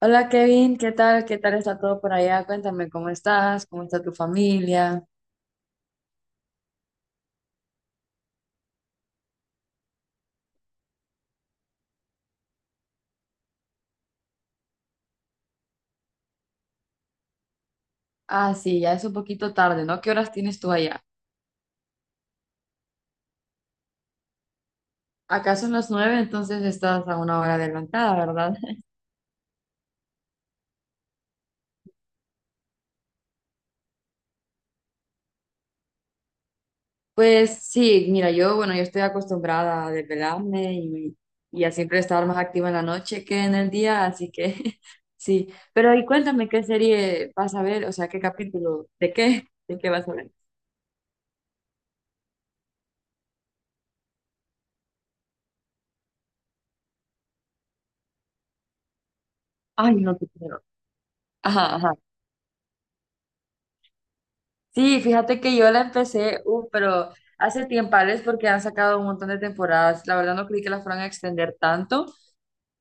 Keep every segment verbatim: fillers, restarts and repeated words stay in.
Hola Kevin, ¿qué tal? ¿Qué tal está todo por allá? Cuéntame cómo estás, cómo está tu familia. Ah, sí, ya es un poquito tarde, ¿no? ¿Qué horas tienes tú allá? Acá son las nueve, entonces estás a una hora adelantada, ¿verdad? Pues sí, mira, yo, bueno, yo estoy acostumbrada a desvelarme y, y a siempre estar más activa en la noche que en el día, así que sí. Pero y cuéntame qué serie vas a ver, o sea, qué capítulo, de qué, de qué vas a ver. Ay, no te quiero. Ajá, ajá. Sí, fíjate que yo la empecé, uh, pero hace tiempales porque han sacado un montón de temporadas. La verdad no creí que la fueran a extender tanto,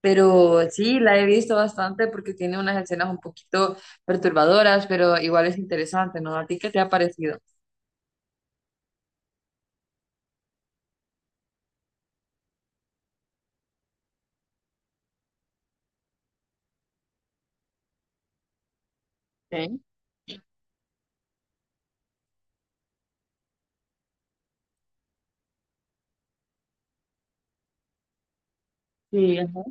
pero sí, la he visto bastante porque tiene unas escenas un poquito perturbadoras, pero igual es interesante, ¿no? ¿A ti qué te ha parecido? Ok. Sí, ajá.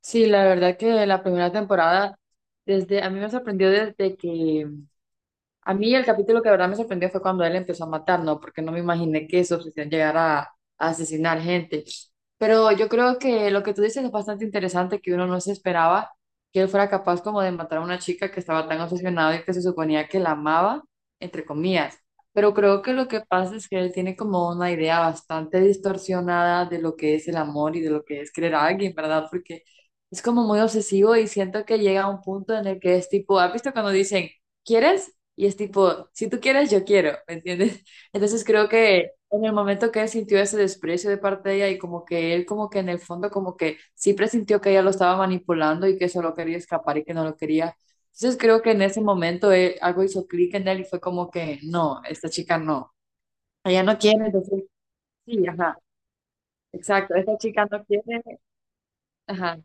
Sí, la verdad que la primera temporada, desde, a mí me sorprendió desde que a mí el capítulo que de verdad me sorprendió fue cuando él empezó a matar, ¿no? Porque no me imaginé que su obsesión llegara a, a asesinar gente. Pero yo creo que lo que tú dices es bastante interesante, que uno no se esperaba que él fuera capaz como de matar a una chica que estaba tan obsesionada y que se suponía que la amaba, entre comillas. Pero creo que lo que pasa es que él tiene como una idea bastante distorsionada de lo que es el amor y de lo que es querer a alguien, ¿verdad? Porque es como muy obsesivo y siento que llega a un punto en el que es tipo, ¿has visto cuando dicen, ¿quieres? Y es tipo, si tú quieres, yo quiero, ¿me entiendes? Entonces creo que en el momento que él sintió ese desprecio de parte de ella y como que él como que en el fondo como que sí presintió que ella lo estaba manipulando y que solo quería escapar y que no lo quería. Entonces creo que en ese momento él- algo hizo clic en él y fue como que no, esta chica no, ella no quiere, entonces sí, ajá, exacto, esta chica no quiere, ajá.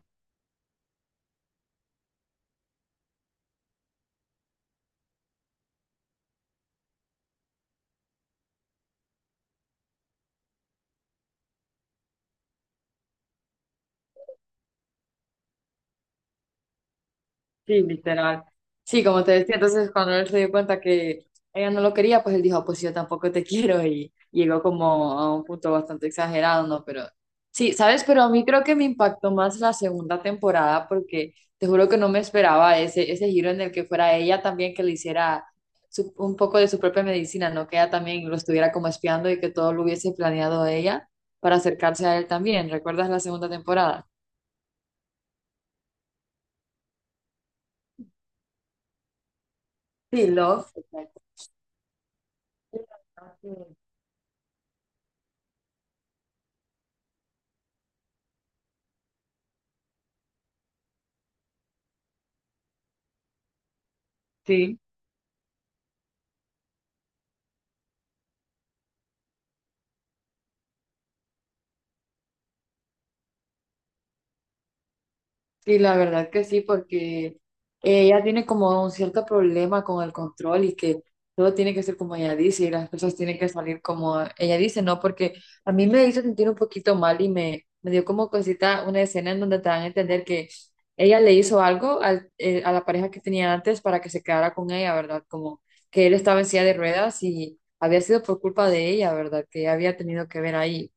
Sí, literal. Sí, como te decía, entonces cuando él se dio cuenta que ella no lo quería, pues él dijo, pues yo tampoco te quiero y llegó como a un punto bastante exagerado, ¿no? Pero sí, ¿sabes? Pero a mí creo que me impactó más la segunda temporada porque te juro que no me esperaba ese, ese giro en el que fuera ella también que le hiciera su- un poco de su propia medicina, ¿no? Que ella también lo estuviera como espiando y que todo lo hubiese planeado ella para acercarse a él también. ¿Recuerdas la segunda temporada? Sí, Love. Exacto. Sí. Sí, la verdad que sí, porque ella tiene como un cierto problema con el control y que todo tiene que ser como ella dice y las cosas tienen que salir como ella dice, ¿no? Porque a mí me hizo sentir un poquito mal y me, me dio como cosita una escena en donde te dan a entender que ella le hizo algo al- eh, a la pareja que tenía antes para que se quedara con ella, ¿verdad? Como que él estaba en silla de ruedas y había sido por culpa de ella, ¿verdad? Que ella había tenido que ver ahí.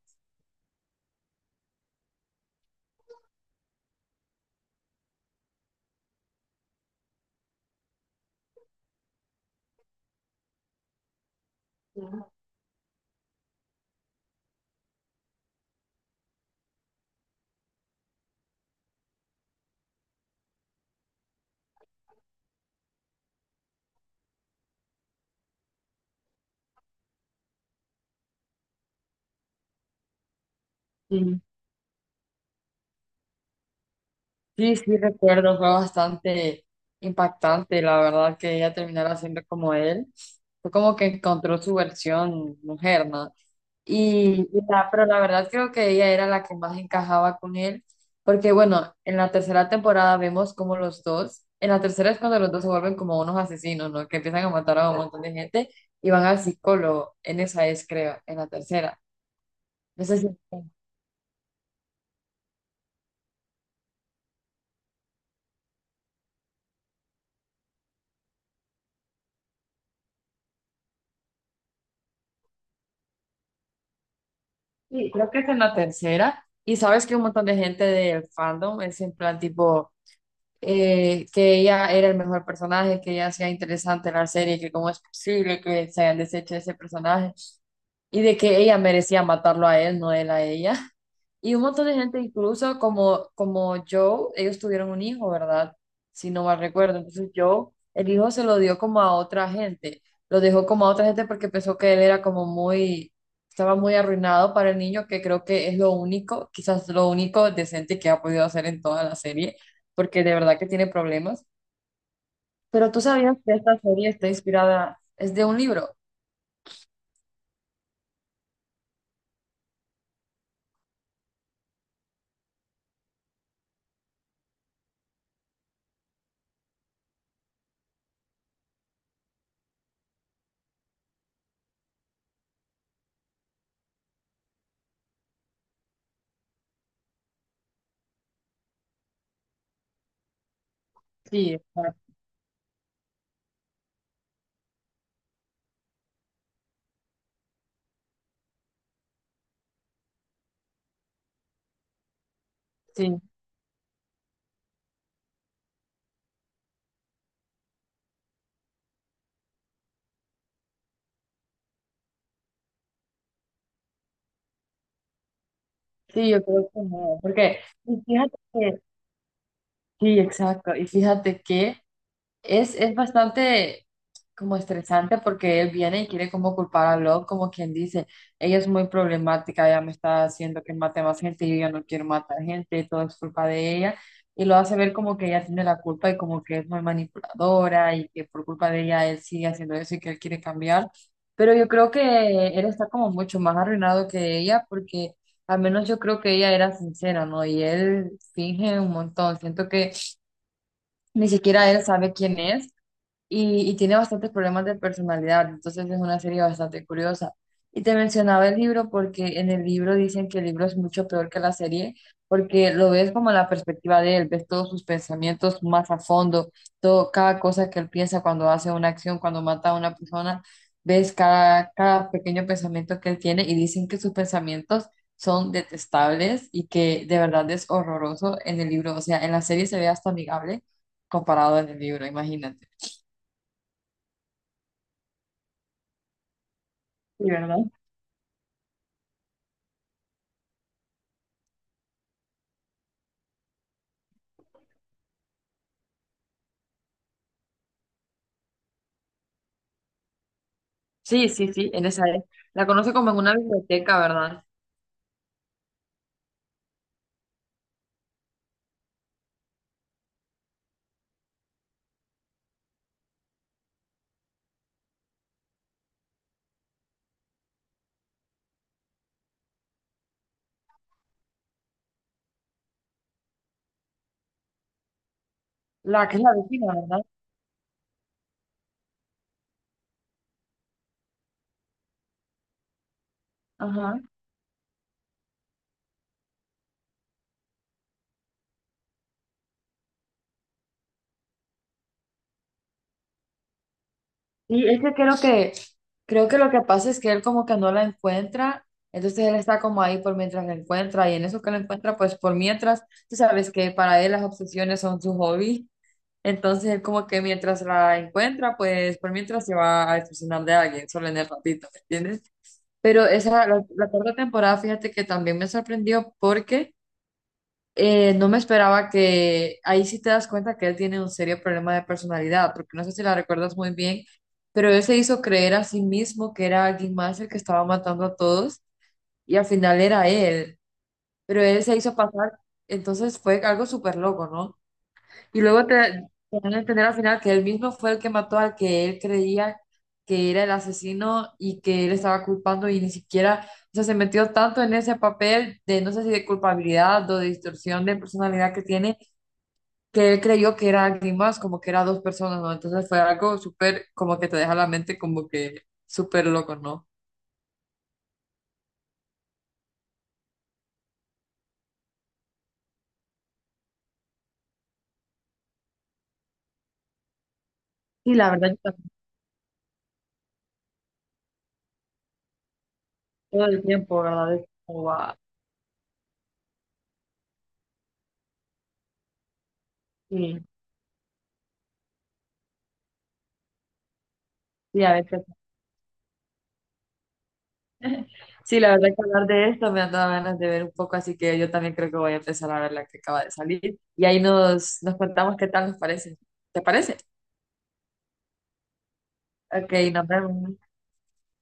Sí, sí, recuerdo, fue bastante impactante, la verdad, que ella terminara siendo como él. Fue como que encontró su versión mujer, ¿no? Y, y la, pero la verdad creo que ella era la que más encajaba con él, porque bueno, en la tercera temporada vemos como los dos, en la tercera es cuando los dos se vuelven como unos asesinos, ¿no? Que empiezan a matar a un montón de gente y van al psicólogo, en esa es, creo, en la tercera. No sé si... Sí, creo que esta es la tercera. Y sabes que un montón de gente del fandom es en plan tipo, eh, que ella era el mejor personaje, que ella hacía interesante la serie, que cómo es posible que se hayan deshecho de ese personaje y de que ella merecía matarlo a él, no él a ella. Y un montón de gente, incluso como, como Joe, ellos tuvieron un hijo, ¿verdad? Si no mal recuerdo. Entonces Joe, el hijo se lo dio como a otra gente. Lo dejó como a otra gente porque pensó que él era como muy, estaba muy arruinado para el niño, que creo que es lo único, quizás lo único decente que ha podido hacer en toda la serie, porque de verdad que tiene problemas. Pero tú sabías que esta serie está inspirada, es de un libro. Sí, exacto, sí, sí, yo creo que no. Porque, y fíjate que sí, exacto. Y fíjate que es, es bastante como estresante porque él viene y quiere como culpar a Love, como quien dice, ella es muy problemática, ella me está haciendo que mate más gente, yo ya no quiero matar gente, todo es culpa de ella. Y lo hace ver como que ella tiene la culpa y como que es muy manipuladora y que por culpa de ella él sigue haciendo eso y que él quiere cambiar. Pero yo creo que él está como mucho más arruinado que ella porque al menos yo creo que ella era sincera, ¿no? Y él finge un montón. Siento que ni siquiera él sabe quién es y, y tiene bastantes problemas de personalidad, entonces es una serie bastante curiosa. Y te mencionaba el libro porque en el libro dicen que el libro es mucho peor que la serie, porque lo ves como la perspectiva de él, ves todos sus pensamientos más a fondo, todo, cada cosa que él piensa cuando hace una acción, cuando mata a una persona, ves cada, cada pequeño pensamiento que él tiene y dicen que sus pensamientos son detestables y que de verdad es horroroso en el libro, o sea, en la serie se ve hasta amigable comparado en el libro, imagínate. ¿Verdad? Sí, sí, sí, en esa es. La conoce como en una biblioteca, ¿verdad? La que es la vecina, ¿verdad? Ajá. Sí, es que creo que, creo que lo que pasa es que él como que no la encuentra, entonces él está como ahí por mientras la encuentra, y en eso que la encuentra, pues por mientras, tú sabes que para él las obsesiones son su hobby, entonces él como que mientras la encuentra, pues por mientras se va a obsesionar de alguien, solo en el ratito, ¿me entiendes? Pero esa, la, la cuarta temporada, fíjate que también me sorprendió porque... Eh, no me esperaba que ahí sí te das cuenta que él tiene un serio problema de personalidad, porque no sé si la recuerdas muy bien, pero él se hizo creer a sí mismo que era alguien más el que estaba matando a todos y al final era él, pero él se hizo pasar, entonces fue algo súper loco, ¿no? Y luego te, te dan a entender al final que él mismo fue el que mató al que él creía que era el asesino y que él estaba culpando y ni siquiera... O sea, se metió tanto en ese papel de, no sé si de culpabilidad o de distorsión de personalidad que tiene, que él creyó que era alguien más, como que era dos personas, ¿no? Entonces fue algo súper, como que te deja la mente como que súper loco, ¿no? Sí, la verdad, yo también, todo el tiempo, ¿verdad? Es como va. Sí, sí, a veces. Sí, la verdad que hablar de esto me han dado ganas de ver un poco, así que yo también creo que voy a empezar a ver la que acaba de salir. Y ahí nos, nos contamos qué tal nos parece. ¿Te parece? Ok, nos vemos.